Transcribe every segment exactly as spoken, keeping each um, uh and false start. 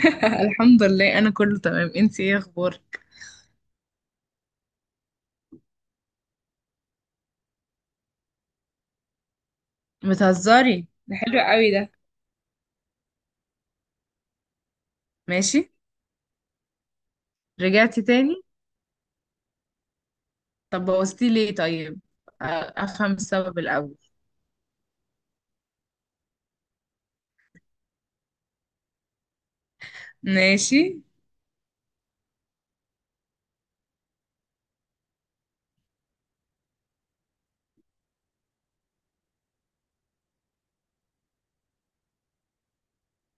الحمد لله، انا كله تمام. انتي ايه اخبارك؟ بتهزري؟ ده حلو قوي ده. ماشي. رجعتي تاني؟ طب بوظتي ليه طيب؟ أ- افهم السبب الاول. ماشي.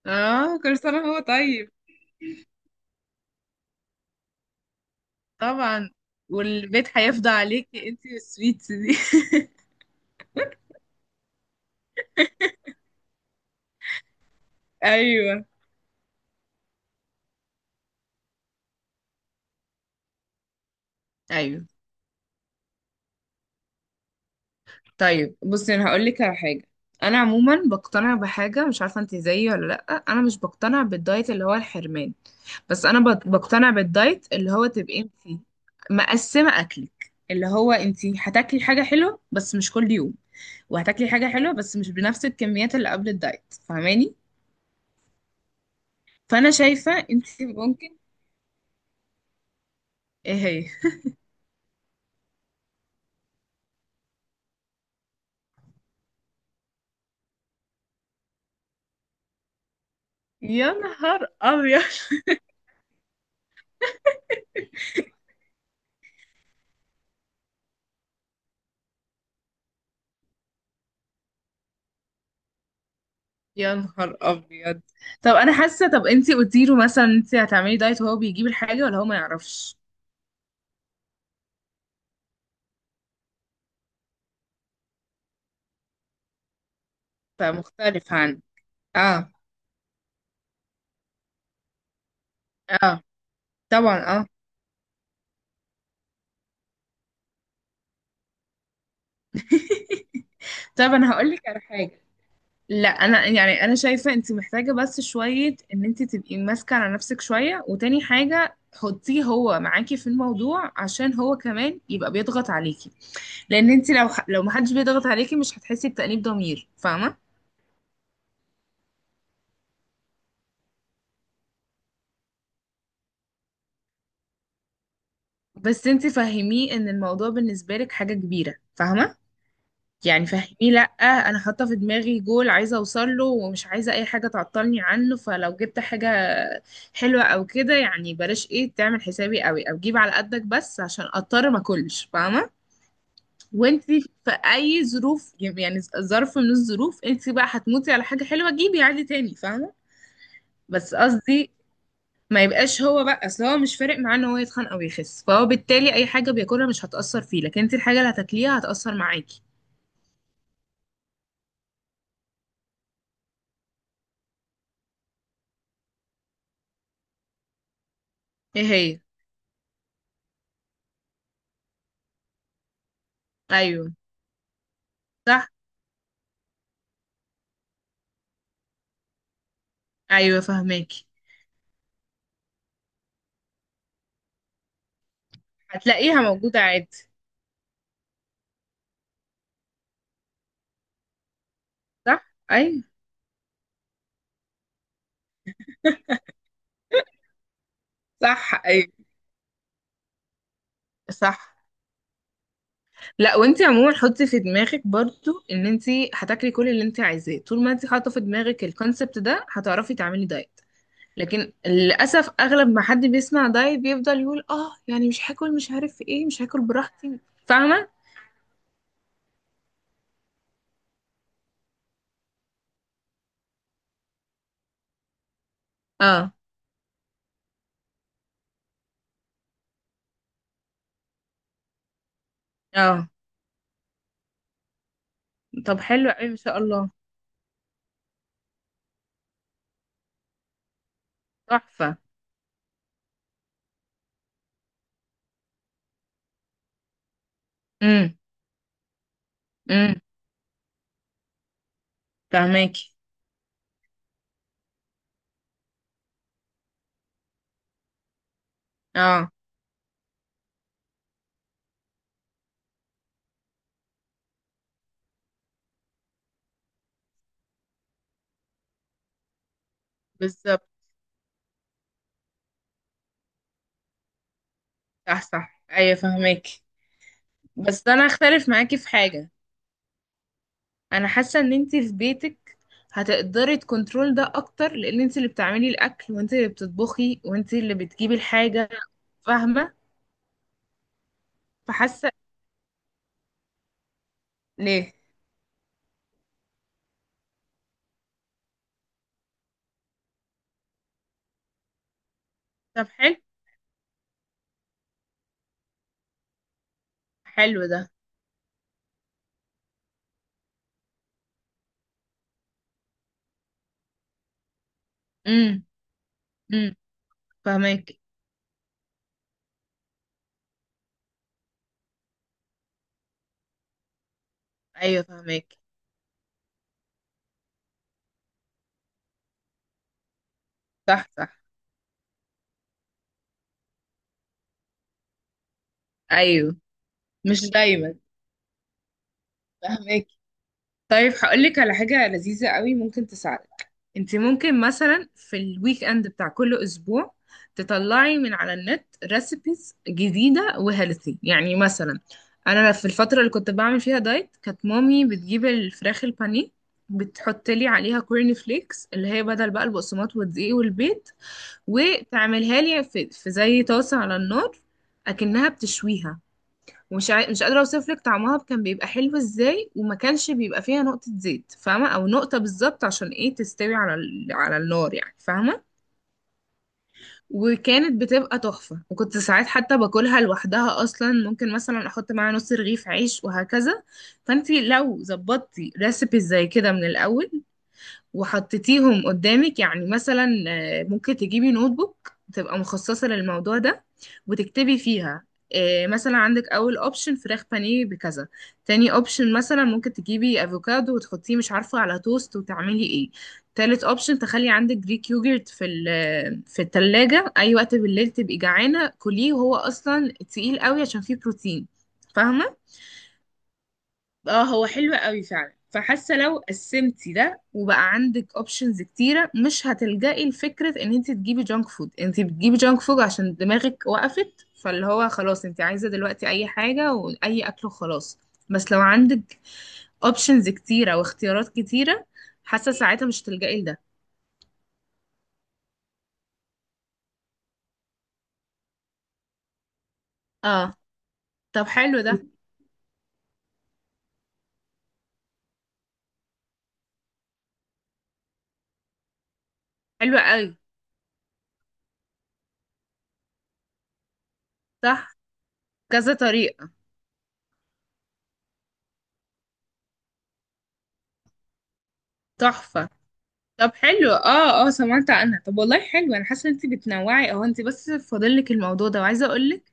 اه، كل سنه هو طيب. طبعا. والبيت هيفضى عليكي انتي والسويتس دي. ايوه. ايوه، طيب، بصي انا هقول لك على حاجه. انا عموما بقتنع بحاجه، مش عارفه انت زيي ولا لا. انا مش بقتنع بالدايت اللي هو الحرمان، بس انا بق- بقتنع بالدايت اللي هو تبقي انت مقسمه اكلك، اللي هو انت هتاكلي حاجه حلوه بس مش كل يوم، وهتاكلي حاجه حلوه بس مش بنفس الكميات اللي قبل الدايت، فاهماني؟ فانا شايفه انت ممكن. ايه هي؟ يا نهار ابيض. يا نهار ابيض. طب انا حاسه. طب انت قلتي له مثلا انت هتعملي دايت وهو بيجيب الحاجه، ولا هو ما يعرفش؟ فمختلف عن. اه. اه. طبعا، اه. طب انا هقول لك على حاجه. لا، انا يعني انا شايفه انت محتاجه بس شويه، ان انت تبقي ماسكه على نفسك شويه، وتاني حاجه حطيه هو معاكي في الموضوع عشان هو كمان يبقى بيضغط عليكي. لان انت لو لو محدش بيضغط عليكي، مش هتحسي بتأنيب ضمير، فاهمه؟ بس انت فهميه ان الموضوع بالنسبه لك حاجه كبيره، فاهمه؟ يعني فهميه. لا، انا حاطه في دماغي جول عايزه اوصل له ومش عايزه اي حاجه تعطلني عنه. فلو جبت حاجه حلوة او كده يعني بلاش، ايه تعمل حسابي قوي او جيب على قدك، بس عشان اضطر ما اكلش، فاهمة؟ وانت في اي ظروف، يعني ظرف من الظروف انت بقى هتموتي على حاجة حلوة جيبي عادي تاني، فاهمة؟ بس قصدي ما يبقاش هو بقى. اصل هو مش فارق معاه ان هو يتخن او يخس، فهو بالتالي اي حاجة بياكلها مش هتأثر فيه، لكن انت الحاجة اللي هتاكليها هتأثر معاكي. ايه هي؟ ايوه. صح، ايوه، فهماكي. هتلاقيها موجودة عادي. صح، ايوه. صح، ايوه. صح. لا، وانت عموما حطي في دماغك برضو ان انت هتاكلي كل اللي انت عايزاه، طول ما انت حاطه في دماغك الكونسبت ده هتعرفي تعملي دايت. لكن للاسف اغلب ما حد بيسمع دايت بيفضل يقول اه يعني مش هاكل مش عارف ايه، مش هاكل براحتي. فاهمه. اه. اه. طب حلو قوي ما شاء الله. تحفه. امم. امم. فاهماكي. اه، بالظبط. صح، صح، ايوه، فاهماكي. بس انا اختلف معاكي في حاجه. انا حاسه ان انت في بيتك هتقدري تكنترول ده اكتر، لان انت اللي بتعملي الاكل وانت اللي بتطبخي وانت اللي بتجيبي الحاجه. فاهمه. فحاسه. ليه؟ طب حلو. حلو ده. امم. امم. فاهماكي. ايوه، فاهماكي. صح، صح، ايوه. مش دايما. فاهماكي. طيب هقولك على حاجة لذيذة قوي ممكن تساعدك. انت ممكن مثلا في الويك اند بتاع كل اسبوع تطلعي من على النت ريسيبيز جديدة وهيلثي يعني. مثلا انا في الفترة اللي كنت بعمل فيها دايت كانت مامي بتجيب الفراخ البانيه، بتحط لي عليها كورن فليكس، اللي هي بدل بقى البقسماط والدقيق والبيض، وتعملها لي في, في زي طاسة على النار، اكنها بتشويها. ومش عا... مش قادرة اوصف لك طعمها كان بيبقى حلو ازاي، وما كانش بيبقى فيها نقطة زيت، فاهمة؟ او نقطة بالظبط عشان ايه تستوي على ال... على النار يعني، فاهمة؟ وكانت بتبقى تحفة، وكنت ساعات حتى باكلها لوحدها اصلا، ممكن مثلا احط معاها نص رغيف عيش وهكذا. فانتي لو ظبطتي ريسيبي زي كده من الاول وحطيتيهم قدامك يعني، مثلا آه، ممكن تجيبي نوت بوك تبقى مخصصة للموضوع ده وتكتبي فيها. آه، مثلا عندك اول اوبشن فراخ بانيه بكذا. تاني اوبشن مثلا ممكن تجيبي افوكادو وتحطيه مش عارفة على توست وتعملي ايه. تالت اوبشن تخلي عندك جريك يوجرت في ال- في التلاجة اي وقت بالليل تبقي جعانة كليه، وهو اصلا تقيل قوي عشان فيه بروتين، فاهمة. اه، هو حلو قوي فعلا. فحاسه لو قسمتي ده وبقى عندك اوبشنز كتيره مش هتلجئي لفكره ان انت تجيبي جانك فود. انت بتجيبي جانك فود عشان دماغك وقفت، فاللي هو خلاص انت عايزه دلوقتي اي حاجه واي اكل وخلاص. بس لو عندك اوبشنز كتيره واختيارات كتيره، حاسه ساعتها مش تلجئي لده. اه. طب حلو ده. حلو قوي. صح. كذا طريقه. تحفه. طب حلو. اه، اه، سمعت عنها. طب والله حلو، انا حاسه ان انت بتنوعي اهو، انت بس فاضلك الموضوع ده. وعايزه اقولك،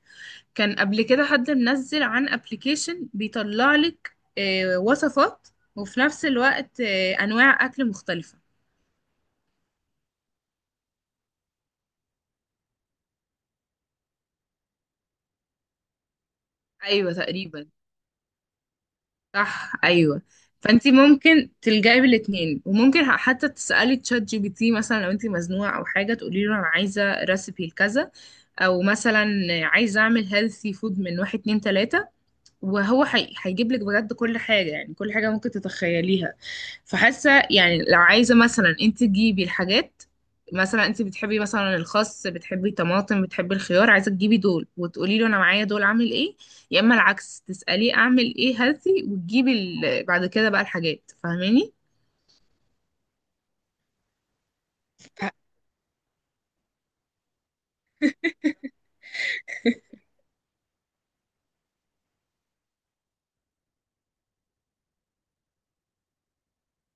كان قبل كده حد منزل عن ابلكيشن بيطلع لك آه وصفات، وفي نفس الوقت آه انواع اكل مختلفه. ايوه تقريبا. صح، ايوه. فانت ممكن تلجئي بالاتنين، وممكن حتى تسالي تشات جي بي تي مثلا لو انت مزنوقه او حاجه، تقولي له انا عايزه ريسيبي لكذا، او مثلا عايزه اعمل هيلثي فود من واحد اتنين تلاته، وهو حي... هيجيب لك بجد كل حاجة، يعني كل حاجة ممكن تتخيليها. فحاسة يعني لو عايزة مثلا انت تجيبي الحاجات، مثلا انت بتحبي مثلا الخس، بتحبي الطماطم، بتحبي الخيار، عايزة تجيبي دول وتقولي له انا معايا دول عامل ايه. يا اما العكس تسأليه اعمل ايه هاتي، وتجيبي ال... بعد كده بقى الحاجات، فاهماني؟ ف-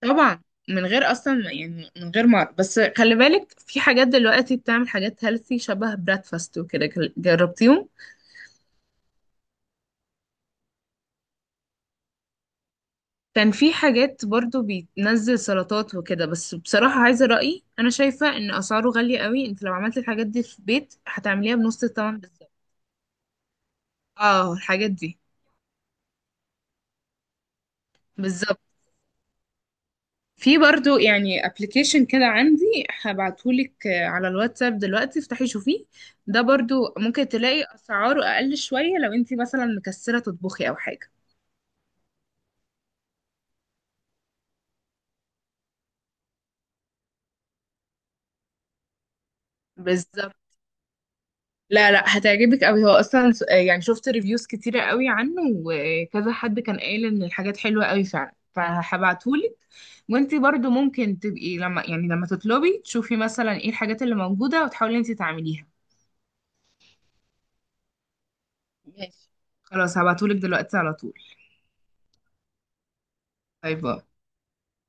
طبعا. من غير اصلا يعني، من غير ما، بس خلي بالك في حاجات دلوقتي بتعمل حاجات هيلثي شبه بريكفاست وكده، جربتيهم؟ كان في حاجات برضو بينزل سلطات وكده، بس بصراحة عايزة رأيي، أنا شايفة إن أسعاره غالية قوي. أنت لو عملت الحاجات دي في البيت هتعمليها بنص الثمن بالظبط. اه، الحاجات دي. بالظبط. في برضو يعني ابلكيشن كده عندي، هبعتهولك آه، على الواتساب دلوقتي، افتحي شوفيه. ده برضو ممكن تلاقي أسعاره أقل شوية لو أنت مثلا مكسلة تطبخي أو حاجة. بالظبط. لا، لا، هتعجبك قوي. هو اصلا س- يعني شفت ريفيوز كتيرة قوي عنه، وكذا حد كان قايل ان الحاجات حلوة قوي فعلا، فهبعتهولك. وانتي برضو ممكن تبقي لما يعني لما تطلبي تشوفي مثلا ايه الحاجات اللي موجودة وتحاولي انتي تعمليها. ماشي. خلاص هبعتهولك دلوقتي على طول. باي باي.